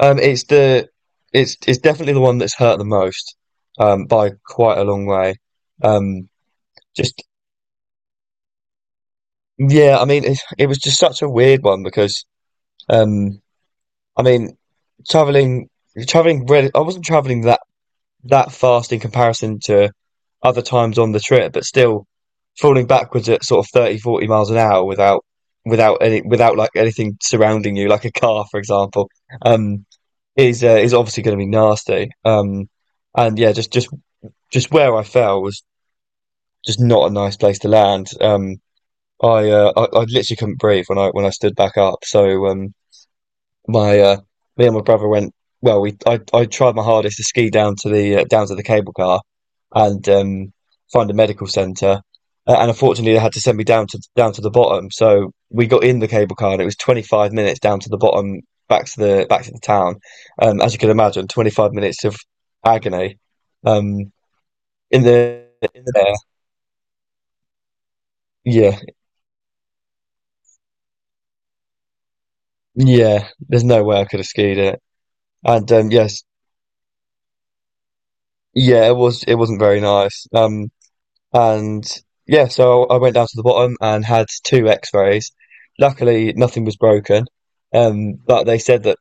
Um, it's the it's definitely the one that's hurt the most, by quite a long way. Um, just yeah, I mean it was just such a weird one because um, I mean traveling traveling really I wasn't traveling that fast in comparison to other times on the trip, but still falling backwards at sort of 30 40 miles an hour without without any without like anything surrounding you, like a car, for example. Um, is obviously going to be nasty. And yeah, just where I fell was just not a nice place to land. I literally couldn't breathe when I stood back up. So my me and my brother went. Well, we I tried my hardest to ski down to the cable car and find a medical centre. And unfortunately, they had to send me down to down to the bottom. So we got in the cable car, and it was 25 minutes down to the bottom, back to the town. As you can imagine, 25 minutes of agony. Um, in the in the air. Yeah, yeah, there's no way I could have skied it. And um, yes, yeah, it wasn't very nice. And yeah, so I went down to the bottom and had two X-rays. Luckily, nothing was broken, but they said that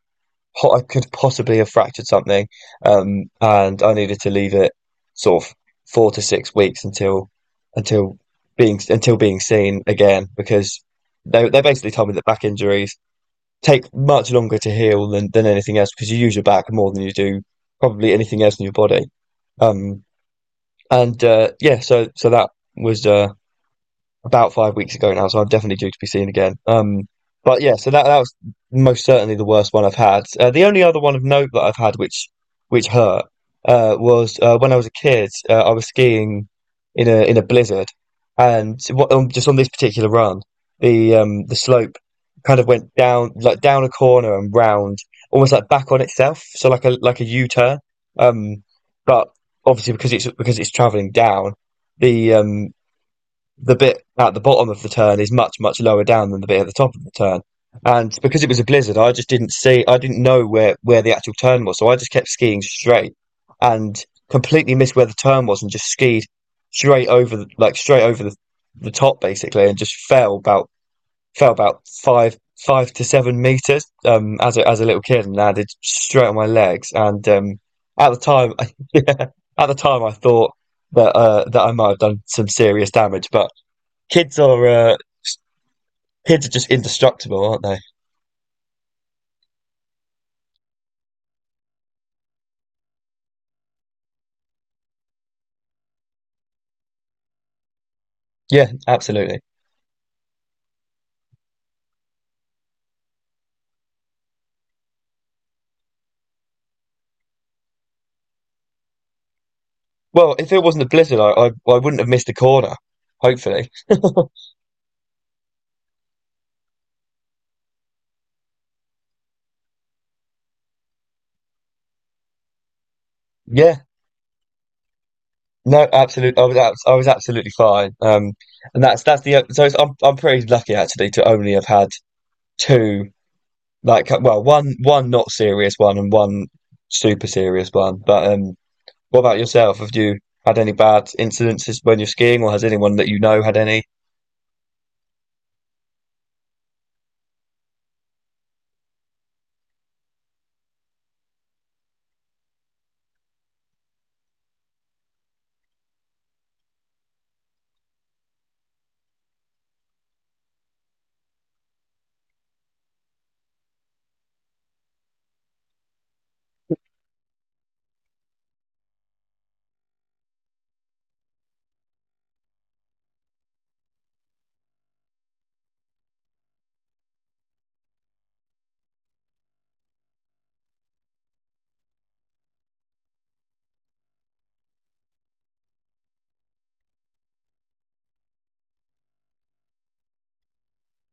po I could possibly have fractured something, and I needed to leave it sort of 4 to 6 weeks until until being seen again because they basically told me that back injuries take much longer to heal than anything else because you use your back more than you do probably anything else in your body. Um, and yeah, so that was about 5 weeks ago now, so I'm definitely due to be seen again. But yeah, so that was most certainly the worst one I've had. The only other one of note that I've had, which hurt, was when I was a kid. I was skiing in a blizzard, and just on this particular run, the slope kind of went down like down a corner and round, almost like back on itself, so like a U turn. Um, but obviously because it's traveling down, the um the bit at the bottom of the turn is much, much lower down than the bit at the top of the turn. And because it was a blizzard, I just didn't see, I didn't know where the actual turn was. So I just kept skiing straight and completely missed where the turn was and just skied straight over, like straight over the top basically and just fell about 5 to 7 meters, as as a little kid and landed straight on my legs. And, at the time, yeah, at the time I thought that I might have done some serious damage, but Kids are uh, kids are just indestructible, aren't they? Yeah, absolutely. Well, if it wasn't a blizzard, I wouldn't have missed a corner. Hopefully. Yeah, no, absolutely. I was absolutely fine. And that's the so it's, I'm pretty lucky actually to only have had two like well one not serious one and one super serious one. But what about yourself? Have you had any bad incidences when you're skiing, or has anyone that you know had any?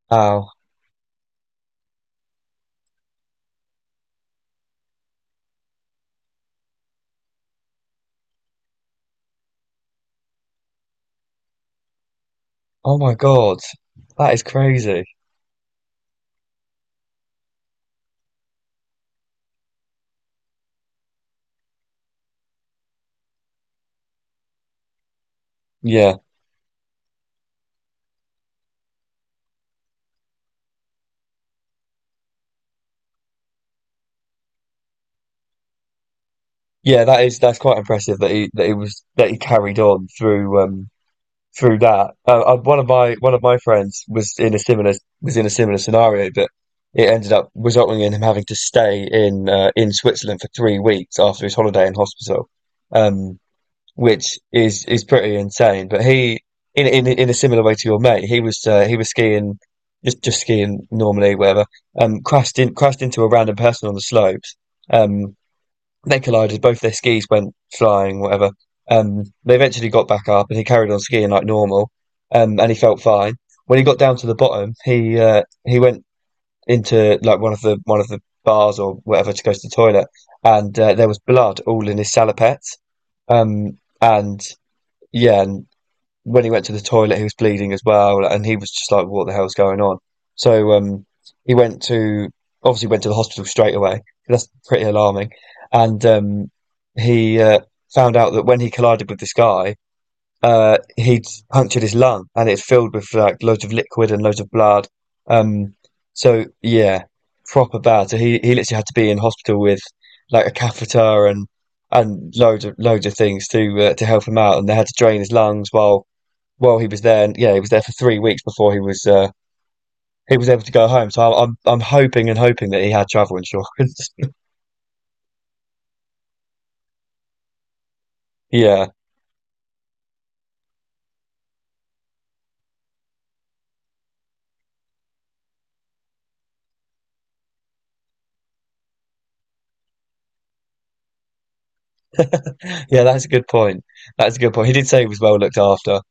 Oh, oh my God, that is crazy. Yeah, yeah, that is that's quite impressive that he was that he carried on through through that. One of my one of my friends was in a similar was in a similar scenario, but it ended up resulting in him having to stay in Switzerland for 3 weeks after his holiday in hospital, um, which is pretty insane. But he in a similar way to your mate, he was skiing just skiing normally, whatever. Crashed into a random person on the slopes. Um, they collided. Both their skis went flying, whatever. They eventually got back up, and he carried on skiing like normal, and he felt fine. When he got down to the bottom, he went into like one of the bars or whatever to go to the toilet, and there was blood all in his salopettes. And yeah, when he went to the toilet, he was bleeding as well, and he was just like, "What the hell's going on?" So um, he went to obviously went to the hospital straight away. That's pretty alarming, and he found out that when he collided with this guy, he'd punctured his lung, and it's filled with like loads of liquid and loads of blood. Um, so yeah, proper bad. So he literally had to be in hospital with like a catheter and loads of things to help him out, and they had to drain his lungs while well, he was there. Yeah, he was there for 3 weeks before he was able to go home. So I'm hoping and hoping that he had travel insurance. Yeah, yeah, that's a good point. That's a good point. He did say he was well looked after.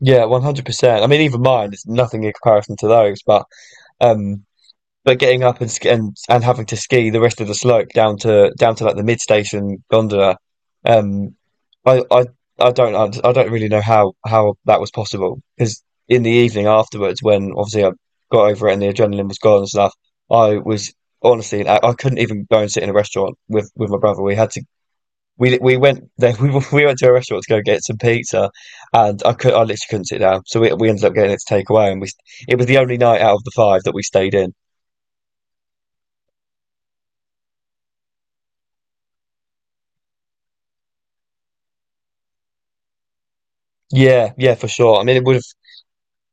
Yeah, 100%. I mean, even mine is nothing in comparison to those. Um, but getting up and and having to ski the rest of the slope down to down to like the mid station gondola, um, I, I, I don't, I don't really know how that was possible because in the evening afterwards, when obviously I got over it and the adrenaline was gone and stuff, I was honestly, I couldn't even go and sit in a restaurant with my brother. We went there, we went to a restaurant to go get some pizza, and I literally couldn't sit down. So we ended up getting it to take away, it was the only night out of the five that we stayed in. Yeah, yeah, for sure. I mean,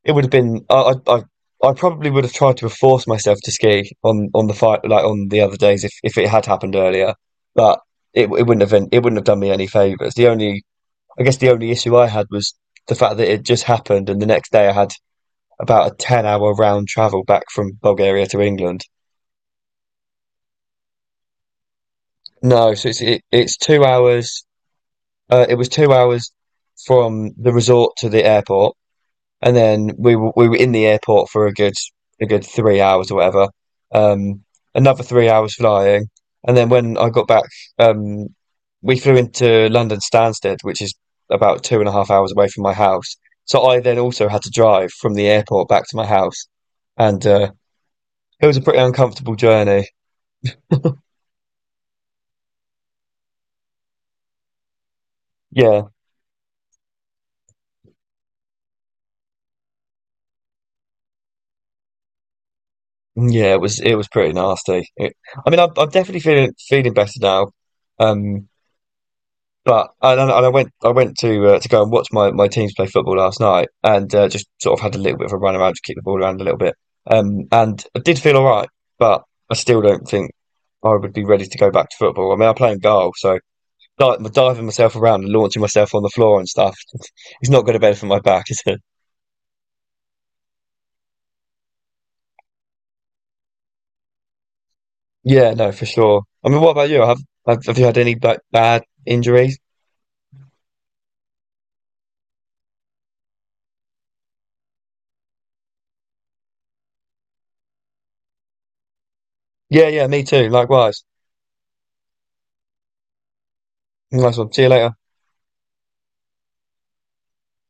it would have been I probably would have tried to have forced myself to ski on the fight like on the other days if it had happened earlier, but it wouldn't have done me any favors. The only I guess the only issue I had was the fact that it just happened, and the next day I had about a 10 hour round travel back from Bulgaria to England. No, so it's 2 hours. It was 2 hours from the resort to the airport, and then we were in the airport for a good 3 hours or whatever. Um, another 3 hours flying, and then when I got back, um, we flew into London Stansted, which is about two and a half hours away from my house. So I then also had to drive from the airport back to my house, and it was a pretty uncomfortable journey. Yeah, yeah, it was pretty nasty. I mean, I'm definitely feeling feeling better now. Um, and I went to go and watch my teams play football last night and just sort of had a little bit of a run around to kick the ball around a little bit. And I did feel all right, but I still don't think I would be ready to go back to football. I mean, I play in goal, so di diving myself around and launching myself on the floor and stuff is not going to benefit my back, is it? Yeah, no, for sure. I mean, what about you? Have you had any like bad injuries? Yeah, yeah, me too. Likewise. Nice one. See you later.